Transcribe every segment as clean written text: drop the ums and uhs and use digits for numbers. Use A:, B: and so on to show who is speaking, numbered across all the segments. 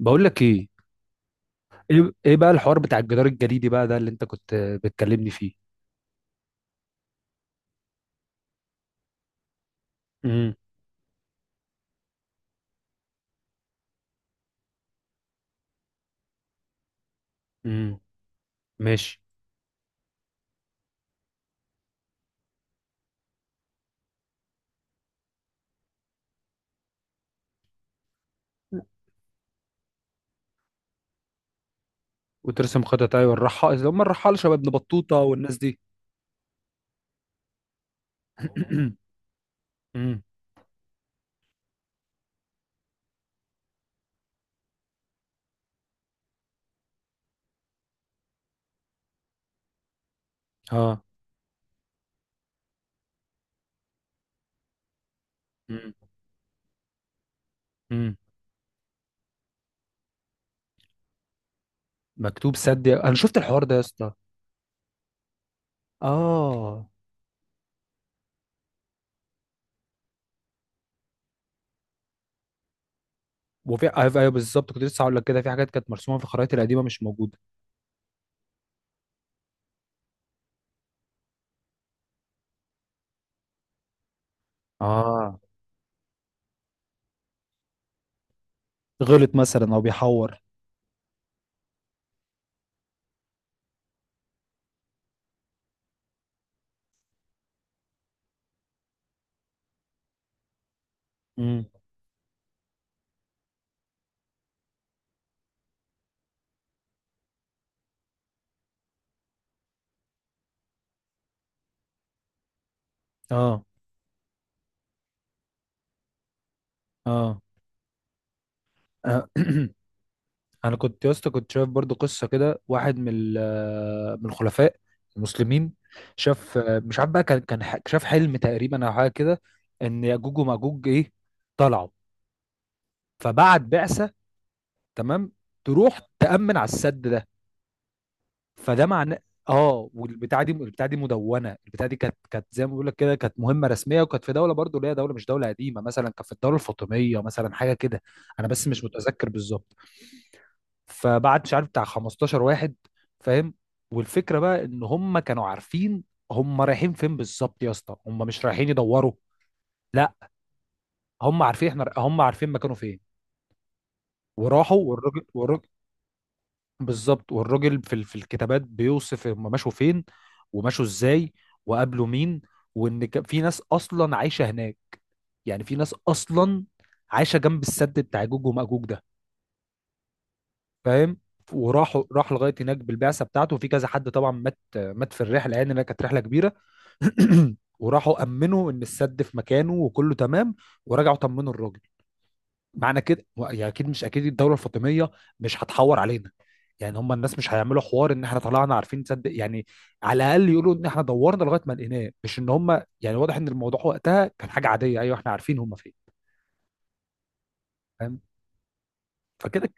A: بقول لك ايه. إيه بقى الحوار بتاع الجدار الجليدي بقى ده اللي انت كنت بتكلمني فيه. امم امم ماشي. وترسم خطط، ايوه الرحال، اللي هم الرحال شباب ابن بطوطه والناس دي. امم اه. امم امم مكتوب سد، انا شفت الحوار ده يا اسطى. اه. وفي، ايوه أيوة بالظبط، كنت لسه هقول لك كده في حاجات كانت مرسومه في الخرائط القديمه مش موجوده. اه، غلط مثلا او بيحور. امم اه. اه. آه. انا كنت يا اسطى، كنت شايف برضو قصه كده، واحد من الخلفاء المسلمين شاف، مش عارف بقى، كان شاف حلم تقريبا او حاجه كده، ان ياجوج وماجوج ايه، طلعوا. فبعت بعثه، تمام، تروح تامن على السد ده. فده معناه، اه. والبتاعه دي مدونه، البتاعه دي كانت زي ما بيقول لك كده، كانت مهمه رسميه، وكانت في دوله برضو اللي هي دوله، مش دوله قديمه مثلا، كانت في الدوله الفاطميه مثلا، حاجه كده. انا بس مش متذكر بالظبط. فبعت مش عارف بتاع 15 واحد، فاهم. والفكره بقى ان هم كانوا عارفين هم رايحين فين بالظبط يا اسطى، هم مش رايحين يدوروا، لا، هم عارفين، احنا هم عارفين مكانه فين. وراحوا، والراجل بالظبط. والراجل في الكتابات بيوصف هم مشوا فين، ومشوا ازاي، وقابلوا مين، وان كان في ناس اصلا عايشه هناك. يعني في ناس اصلا عايشه جنب السد بتاع جوج وماجوج ده، فاهم. وراح، راح لغايه هناك بالبعثه بتاعته، وفي كذا حد طبعا مات، مات في الرحله، يعني لأنها كانت رحله كبيره. وراحوا امنوا ان السد في مكانه وكله تمام. ورجعوا طمنوا الراجل. معنى كده يعني اكيد، مش اكيد الدوله الفاطميه مش هتحور علينا، يعني هم الناس مش هيعملوا حوار ان احنا طلعنا عارفين، تصدق يعني. على الاقل يقولوا ان احنا دورنا لغايه ما لقيناه، مش ان هم، يعني واضح ان الموضوع وقتها كان حاجه عاديه، ايوه احنا عارفين هم فين، فاهم. فكده.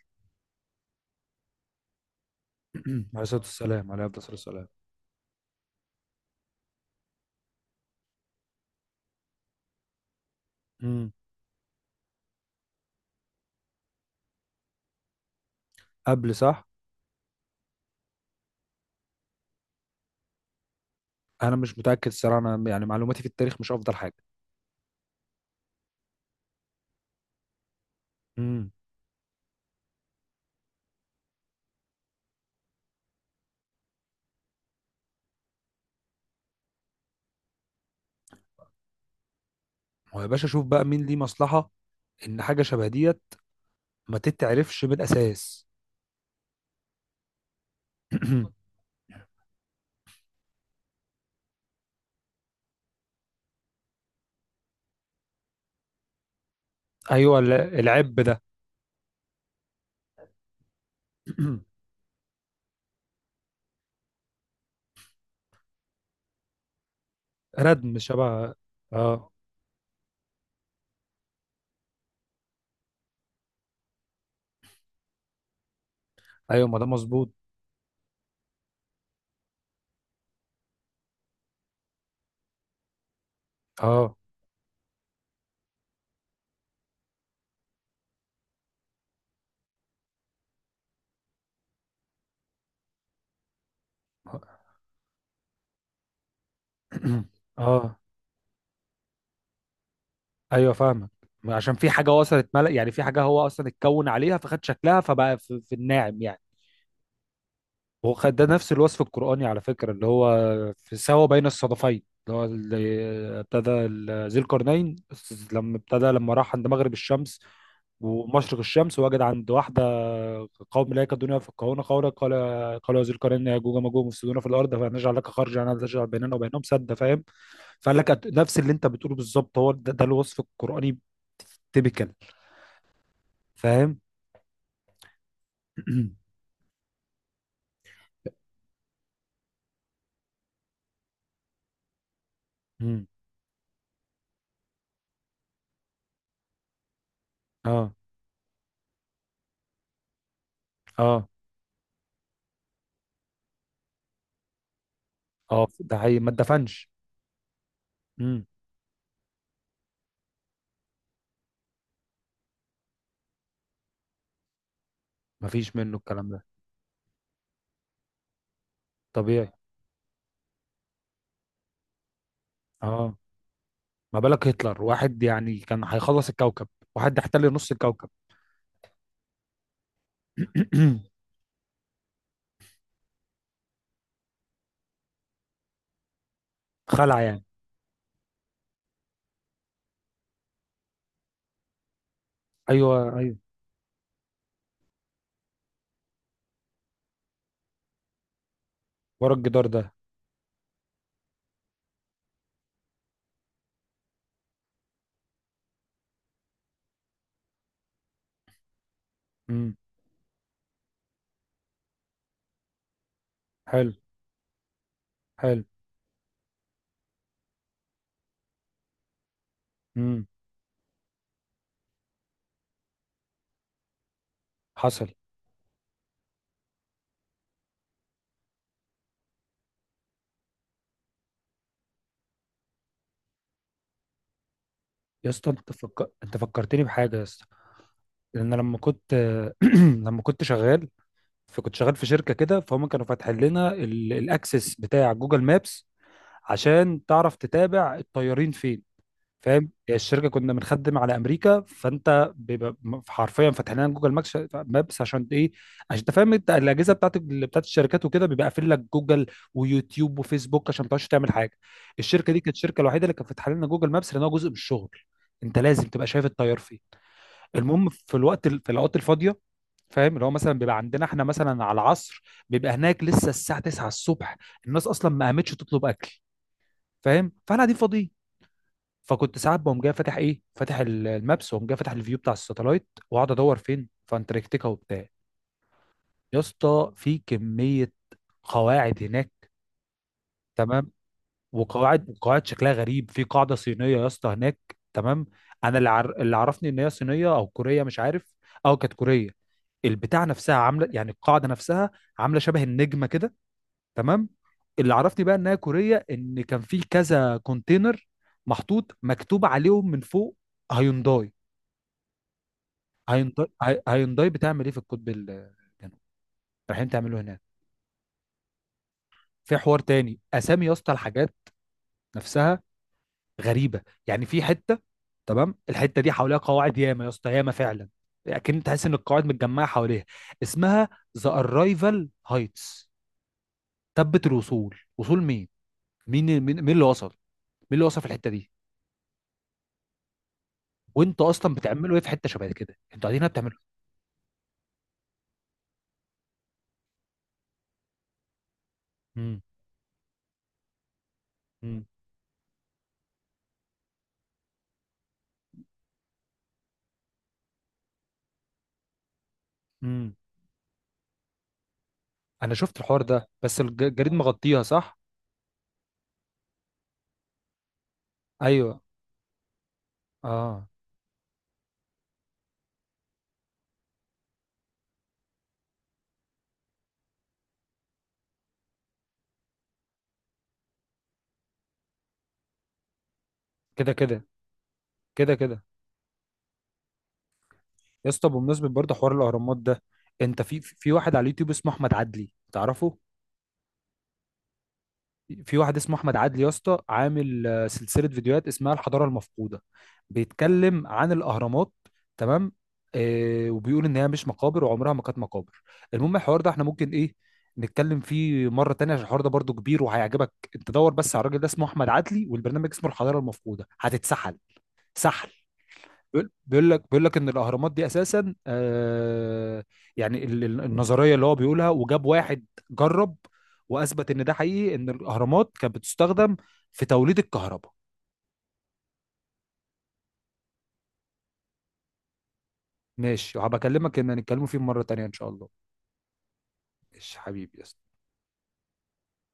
A: عليه الصلاه والسلام، عليه افضل الصلاه والسلام. أمم. قبل، صح. انا مش متاكد الصراحه، انا يعني معلوماتي في التاريخ مش افضل حاجه. امم. هو يا باشا شوف بقى مين ليه مصلحه ان حاجه شبه ديت ما تتعرفش من الاساس. ايوه العب ده. ردم شبه. اه، ايوه ما ده مظبوط. اه. اه، ايوه فاهمك. عشان في حاجه وصلت ملأ، يعني في حاجه هو اصلا اتكون عليها فخد شكلها، فبقى في الناعم يعني. وخد ده نفس الوصف القرآني على فكرة، اللي هو في سوا بين الصدفين، اللي هو اللي ذي القرنين، لما ابتدى، لما راح عند مغرب الشمس ومشرق الشمس، وجد عند واحدة قوم لا يكادون يفقهون قولا. قال، قالوا يا ذي القرنين، يا جوج وماجوج مفسدون في الأرض، فنجعل لك خرجا أن تجعل بيننا وبينهم سدا، فاهم. فقال لك نفس اللي أنت بتقوله بالظبط، هو ده، ده الوصف القرآني. تيبيكال، فاهم. مم. اه. اه. اه، ده حقيقي ما اتدفنش. مفيش منه الكلام ده. طبيعي. اه، ما بالك هتلر، واحد يعني كان هيخلص الكوكب، واحد احتل نص الكوكب. خلع يعني. ايوه ايوه. ورا الجدار ده. امم. حلو. حلو. امم. حصل. يا اسطى انت انت فكرتني بحاجه يا اسطى. لان لما كنت، لما كنت شغال، فكنت شغال في شركه كده، فهم كانوا فاتحين لنا الاكسس بتاع جوجل مابس عشان تعرف تتابع الطيارين فين، فاهم. الشركه كنا بنخدم على امريكا، فانت بيبقى حرفيا فاتح لنا جوجل ماكس مابس، عشان ايه؟ عشان انت فاهم، انت الاجهزه بتاعت بتاعت الشركات وكده بيبقى قافل لك جوجل ويوتيوب وفيسبوك عشان ما تقعدش تعمل حاجه. الشركه دي كانت الشركه الوحيده اللي كانت فاتحه لنا جوجل مابس، لان هو جزء من الشغل. انت لازم تبقى شايف التيار فيه. المهم، في الوقت في الاوقات الفاضيه، فاهم، اللي هو مثلا بيبقى عندنا احنا مثلا على العصر، بيبقى هناك لسه الساعه 9 الصبح، الناس اصلا ما قامتش تطلب اكل، فاهم، فاحنا قاعدين فاضيين. فكنت ساعات بقوم جاي فاتح ايه، فاتح المابس، واقوم جاي فاتح الفيو بتاع الساتلايت، واقعد ادور فين في انتاركتيكا وبتاع. يا اسطى في كميه قواعد هناك، تمام، وقواعد شكلها غريب. في قاعده صينيه يا اسطى هناك، تمام. انا اللي، اللي عرفني ان هي صينيه او كوريه مش عارف، او كانت كوريه، البتاع نفسها عامله، يعني القاعده نفسها عامله شبه النجمه كده، تمام. اللي عرفني بقى انها كوريه، ان كان في كذا كونتينر محطوط مكتوب عليهم من فوق هيونداي. هيونداي، هيونداي بتعمل ايه في القطب الجنوبي؟ رايحين تعملوا هناك. في حوار تاني، اسامي يا اسطى الحاجات نفسها غريبه. يعني في حته، تمام، الحته دي حواليها قواعد، ياما يا اسطى، ياما فعلا. لكن تحس ان القواعد متجمعه حواليها. اسمها ذا ارايفل هايتس، تبت الوصول، وصول مين؟ مين اللي وصل؟ مين اللي وصل في الحته دي؟ وانت اصلا بتعملوا ايه في حته شبه كده، انتوا قاعدين هنا بتعملوا. امم امم انا شفت الحوار ده بس الجريد مغطيها، صح. ايوه. اه. كده كده. كده كده يا اسطى. بمناسبة برضه حوار الأهرامات ده، أنت في واحد على اليوتيوب اسمه أحمد عدلي، تعرفه؟ في واحد اسمه أحمد عدلي يا اسطى، عامل سلسلة فيديوهات اسمها الحضارة المفقودة، بيتكلم عن الأهرامات، تمام. آه، وبيقول إن هي مش مقابر، وعمرها ما كانت مقابر. المهم الحوار ده احنا ممكن إيه، نتكلم فيه مرة تانية، عشان الحوار ده برضه كبير وهيعجبك. أنت دور بس على الراجل ده، اسمه أحمد عدلي، والبرنامج اسمه الحضارة المفقودة. هتتسحل سحل. بيقول لك ان الاهرامات دي اساسا آه، يعني النظريه اللي هو بيقولها، وجاب واحد جرب واثبت ان ده حقيقي، ان الاهرامات كانت بتستخدم في توليد الكهرباء. ماشي، وهبكلمك ان هنتكلموا فيه مره تانيه ان شاء الله. ماشي حبيبي.